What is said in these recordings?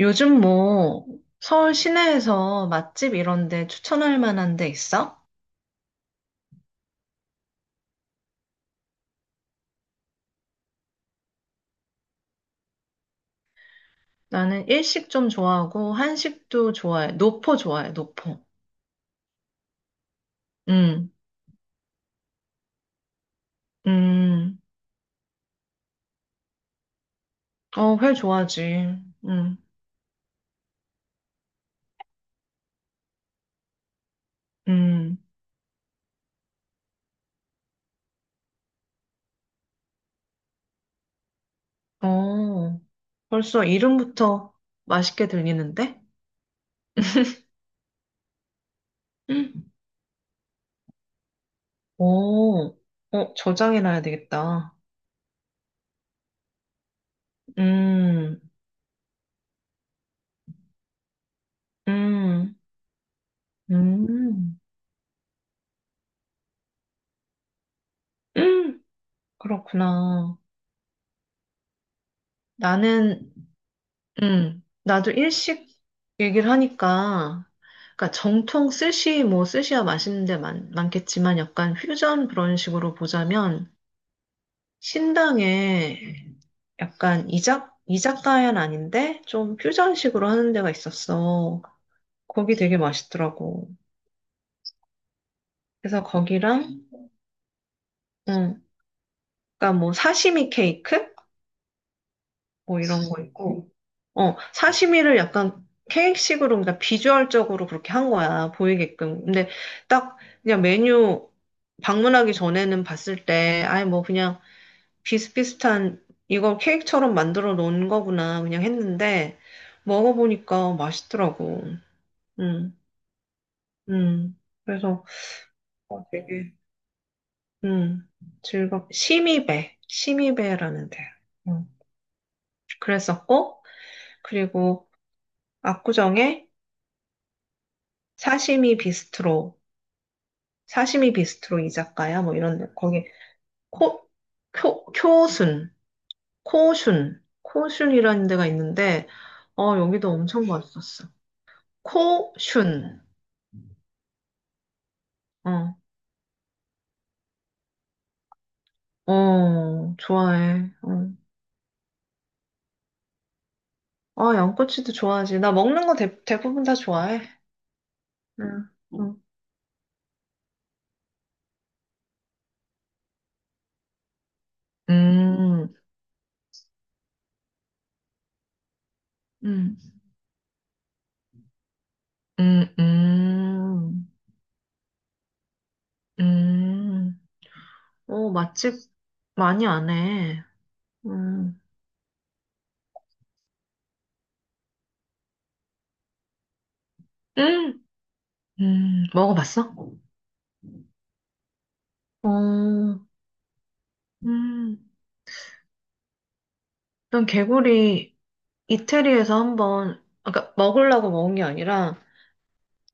요즘 뭐 서울 시내에서 맛집 이런 데 추천할 만한 데 있어? 나는 일식 좀 좋아하고 한식도 좋아해. 노포 좋아해, 노포. 음, 음, 어, 회 좋아하지. 음, 음, 어, 벌써 이름부터 맛있게 들리는데? 오, 어, 저장해놔야 되겠다. 음, 음, 음, 음, 그렇구나. 나는 나도 일식 얘기를 하니까, 그러니까 정통 스시, 뭐 스시야 맛있는 데 많겠지만 약간 퓨전 그런 식으로 보자면 신당에 약간 이자카야는 아닌데 좀 퓨전식으로 하는 데가 있었어. 거기 되게 맛있더라고. 그래서 거기랑, 음, 그러니까 뭐 사시미 케이크? 뭐 이런 거 있고, 사시미를 약간 케이크식으로, 그러니까 비주얼적으로 그렇게 한 거야, 보이게끔. 근데 딱 그냥 메뉴 방문하기 전에는 봤을 때, 아예 뭐 그냥 비슷비슷한, 이걸 케이크처럼 만들어 놓은 거구나, 그냥 했는데, 먹어보니까 맛있더라고. 음. 음. 그래서 되게, 음, 심이배라는 데. 음, 그랬었고, 그리고 압구정에 사시미 비스트로, 이자카야 뭐 이런 데 거기 코, 쿄, 쿄순, 코슌, 코슌이라는 데가 있는데 여기도 엄청 맛있었어. 코슌. 어, 어 좋아해. 어. 아, 양꼬치도 좋아하지. 나 먹는 거 대부분 다 좋아해. 응. 응. 음. 음. 음. 음. 음. 오, 맛집 많이 안 해. 음. 음. 음. 먹어봤어? 어, 음, 난 개구리 이태리에서 한번, 아까 먹으려고 먹은 게 아니라,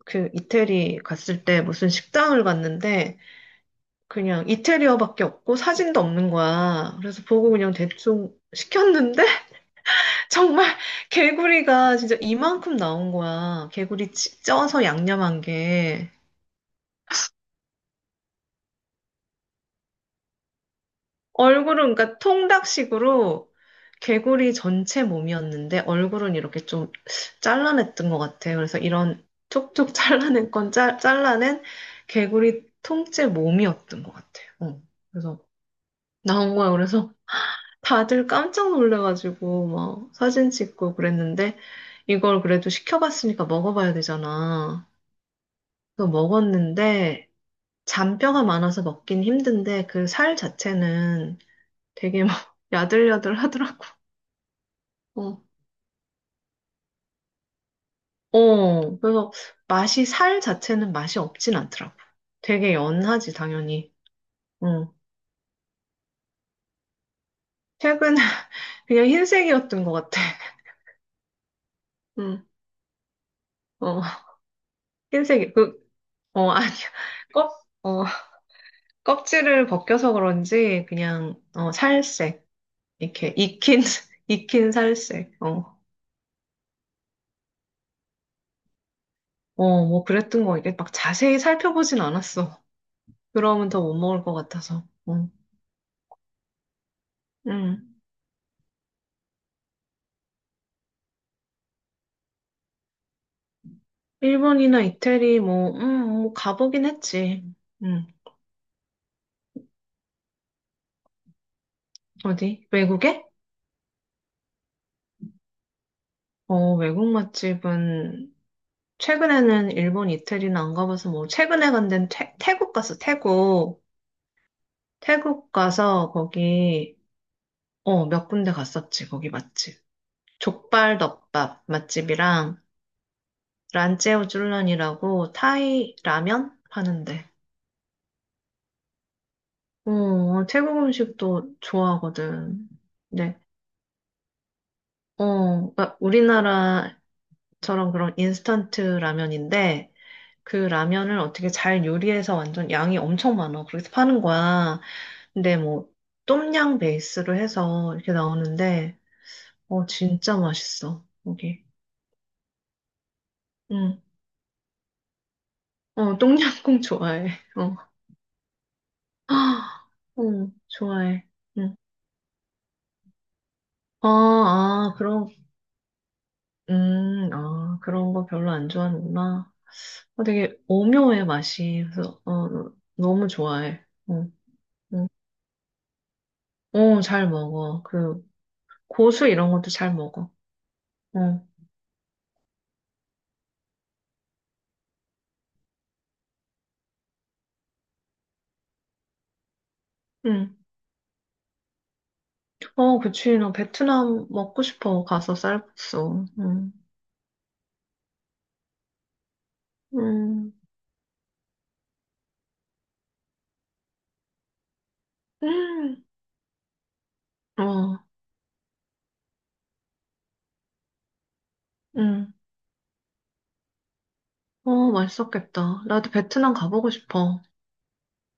그 이태리 갔을 때 무슨 식당을 갔는데, 그냥 이태리어밖에 없고 사진도 없는 거야. 그래서 보고 그냥 대충 시켰는데, 정말 개구리가 진짜 이만큼 나온 거야. 개구리 쪄서 양념한 게. 얼굴은 그러니까 통닭식으로 개구리 전체 몸이었는데 얼굴은 이렇게 좀 잘라냈던 것 같아요. 그래서 이런 촉촉 잘라낸 건 잘라낸 개구리 통째 몸이었던 것 같아요. 어. 그래서 나온 거야. 그래서 다들 깜짝 놀래가지고 막 사진 찍고 그랬는데 이걸 그래도 시켜봤으니까 먹어봐야 되잖아. 그래서 먹었는데 잔뼈가 많아서 먹긴 힘든데 그 살 자체는 되게 막 야들야들하더라고. 어, 어, 그래서 맛이 살 자체는 맛이 없진 않더라고. 되게 연하지, 당연히. 응. 최근에 그냥 흰색이었던 것 같아. 응. 어, 흰색이, 그, 아니야. 껍, 어, 껍질을 벗겨서 그런지 그냥, 살색. 이렇게 익힌 살색. 어, 어, 뭐 그랬던 거. 이게 막 자세히 살펴보진 않았어. 그러면 더 못 먹을 것 같아서. 응. 응. 일본이나 이태리, 뭐, 뭐, 가보긴 했지. 음, 어디? 외국에? 어, 외국 맛집은, 최근에는 일본, 이태리는 안 가봐서, 뭐, 최근에 간 데는 태국 갔어, 태국. 태국 가서, 거기, 몇 군데 갔었지, 거기 맛집. 족발 덮밥 맛집이랑, 란제오 쭌런이라고, 타이 라면 파는데. 어, 태국 음식도 좋아하거든. 네. 어, 그러니까 우리나라 저런 그런 인스턴트 라면인데 그 라면을 어떻게 잘 요리해서 완전 양이 엄청 많아. 그렇게 파는 거야. 근데 뭐 똠양 베이스로 해서 이렇게 나오는데 진짜 맛있어. 여기. 응. 어, 똠양꿍 좋아해. 어. 아, 응, 좋아해. 응. 아, 아, 그런 거 별로 안 좋아하는구나. 어, 되게 오묘해 맛이. 그래서 너무 좋아해. 어, 응. 어, 잘 먹어. 그 고수 이런 것도 잘 먹어. 어, 응. 어, 그치. 나 베트남 먹고 싶어. 가서 쌀국수. 응. 음. 음. 어, 응. 어, 맛있었겠다. 나도 베트남 가보고 싶어.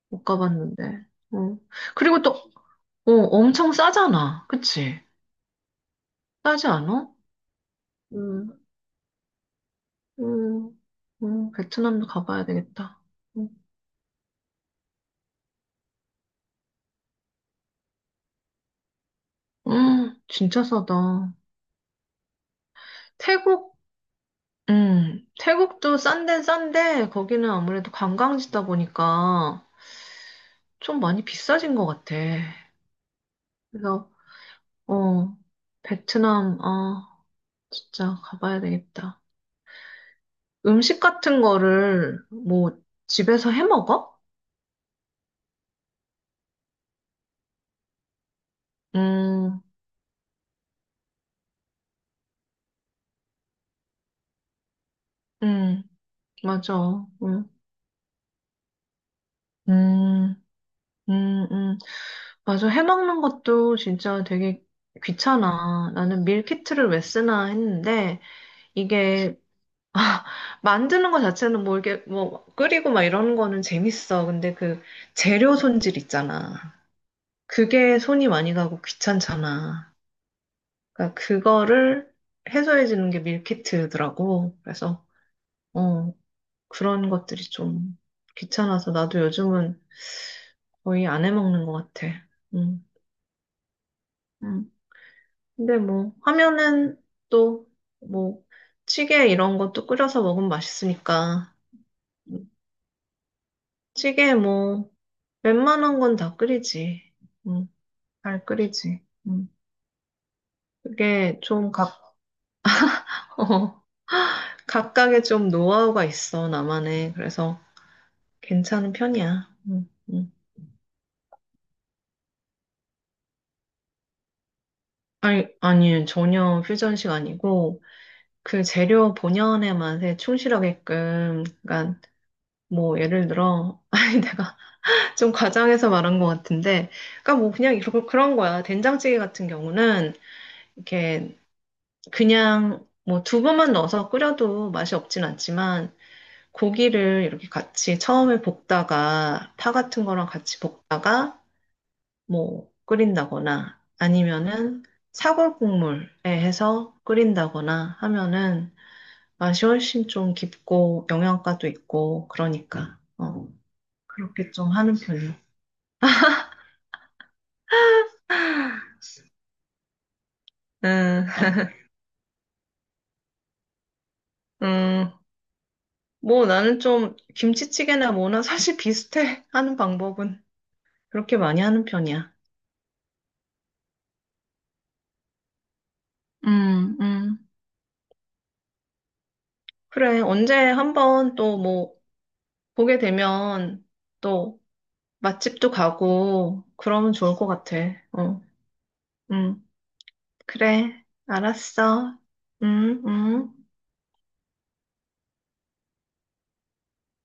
못 가봤는데. 어. 그리고 또, 엄청 싸잖아. 그치? 싸지 않아? 음, 음, 베트남도 가봐야 되겠다. 음, 진짜 싸다. 태국 태국도 싼 데는 싼데 거기는 아무래도 관광지다 보니까 좀 많이 비싸진 것 같아. 그래서 어, 베트남 진짜 가봐야 되겠다. 음식 같은 거를 뭐 집에서 해 먹어? 음, 음, 맞아. 음. 음. 음. 음. 맞아. 해 먹는 것도 진짜 되게 귀찮아. 나는 밀키트를 왜 쓰나 했는데 이게 아, 만드는 거 자체는 뭐 이게 뭐 끓이고 막 이러는 거는 재밌어. 근데 그 재료 손질 있잖아. 그게 손이 많이 가고 귀찮잖아. 그러니까 그거를 해소해 주는 게 밀키트더라고. 그래서 어, 그런 것들이 좀 귀찮아서 나도 요즘은 거의 안 해 먹는 것 같아. 음. 음. 근데 뭐 하면은 또 뭐 찌개 이런 것도 끓여서 먹으면 맛있으니까. 찌개 뭐 웬만한 건 다 끓이지. 응, 잘 끓이지. 응. 그게 좀 어, 각각의 좀 노하우가 있어, 나만의. 그래서 괜찮은 편이야. 응, 응. 아니, 아니, 전혀 퓨전식 아니고, 그 재료 본연의 맛에 충실하게끔, 그러니까 뭐 예를 들어, 아니 내가 좀 과장해서 말한 것 같은데, 그러니까 뭐 그냥 이렇게 그런 거야. 된장찌개 같은 경우는 이렇게 그냥 뭐 두부만 넣어서 끓여도 맛이 없진 않지만 고기를 이렇게 같이 처음에 볶다가 파 같은 거랑 같이 볶다가 뭐 끓인다거나 아니면은 사골 국물에 해서 끓인다거나 하면은 맛이 훨씬 좀 깊고 영양가도 있고 그러니까 그렇게 좀 하는 편이에요. 음, 음, 뭐 나는 좀 김치찌개나 뭐나 사실 비슷해 하는 방법은 그렇게 많이 하는 편이야. 음. 음. 그래, 언제 한번 또 뭐, 보게 되면 또 맛집도 가고, 그러면 좋을 것 같아. 어, 음. 그래, 알았어. 음. 음.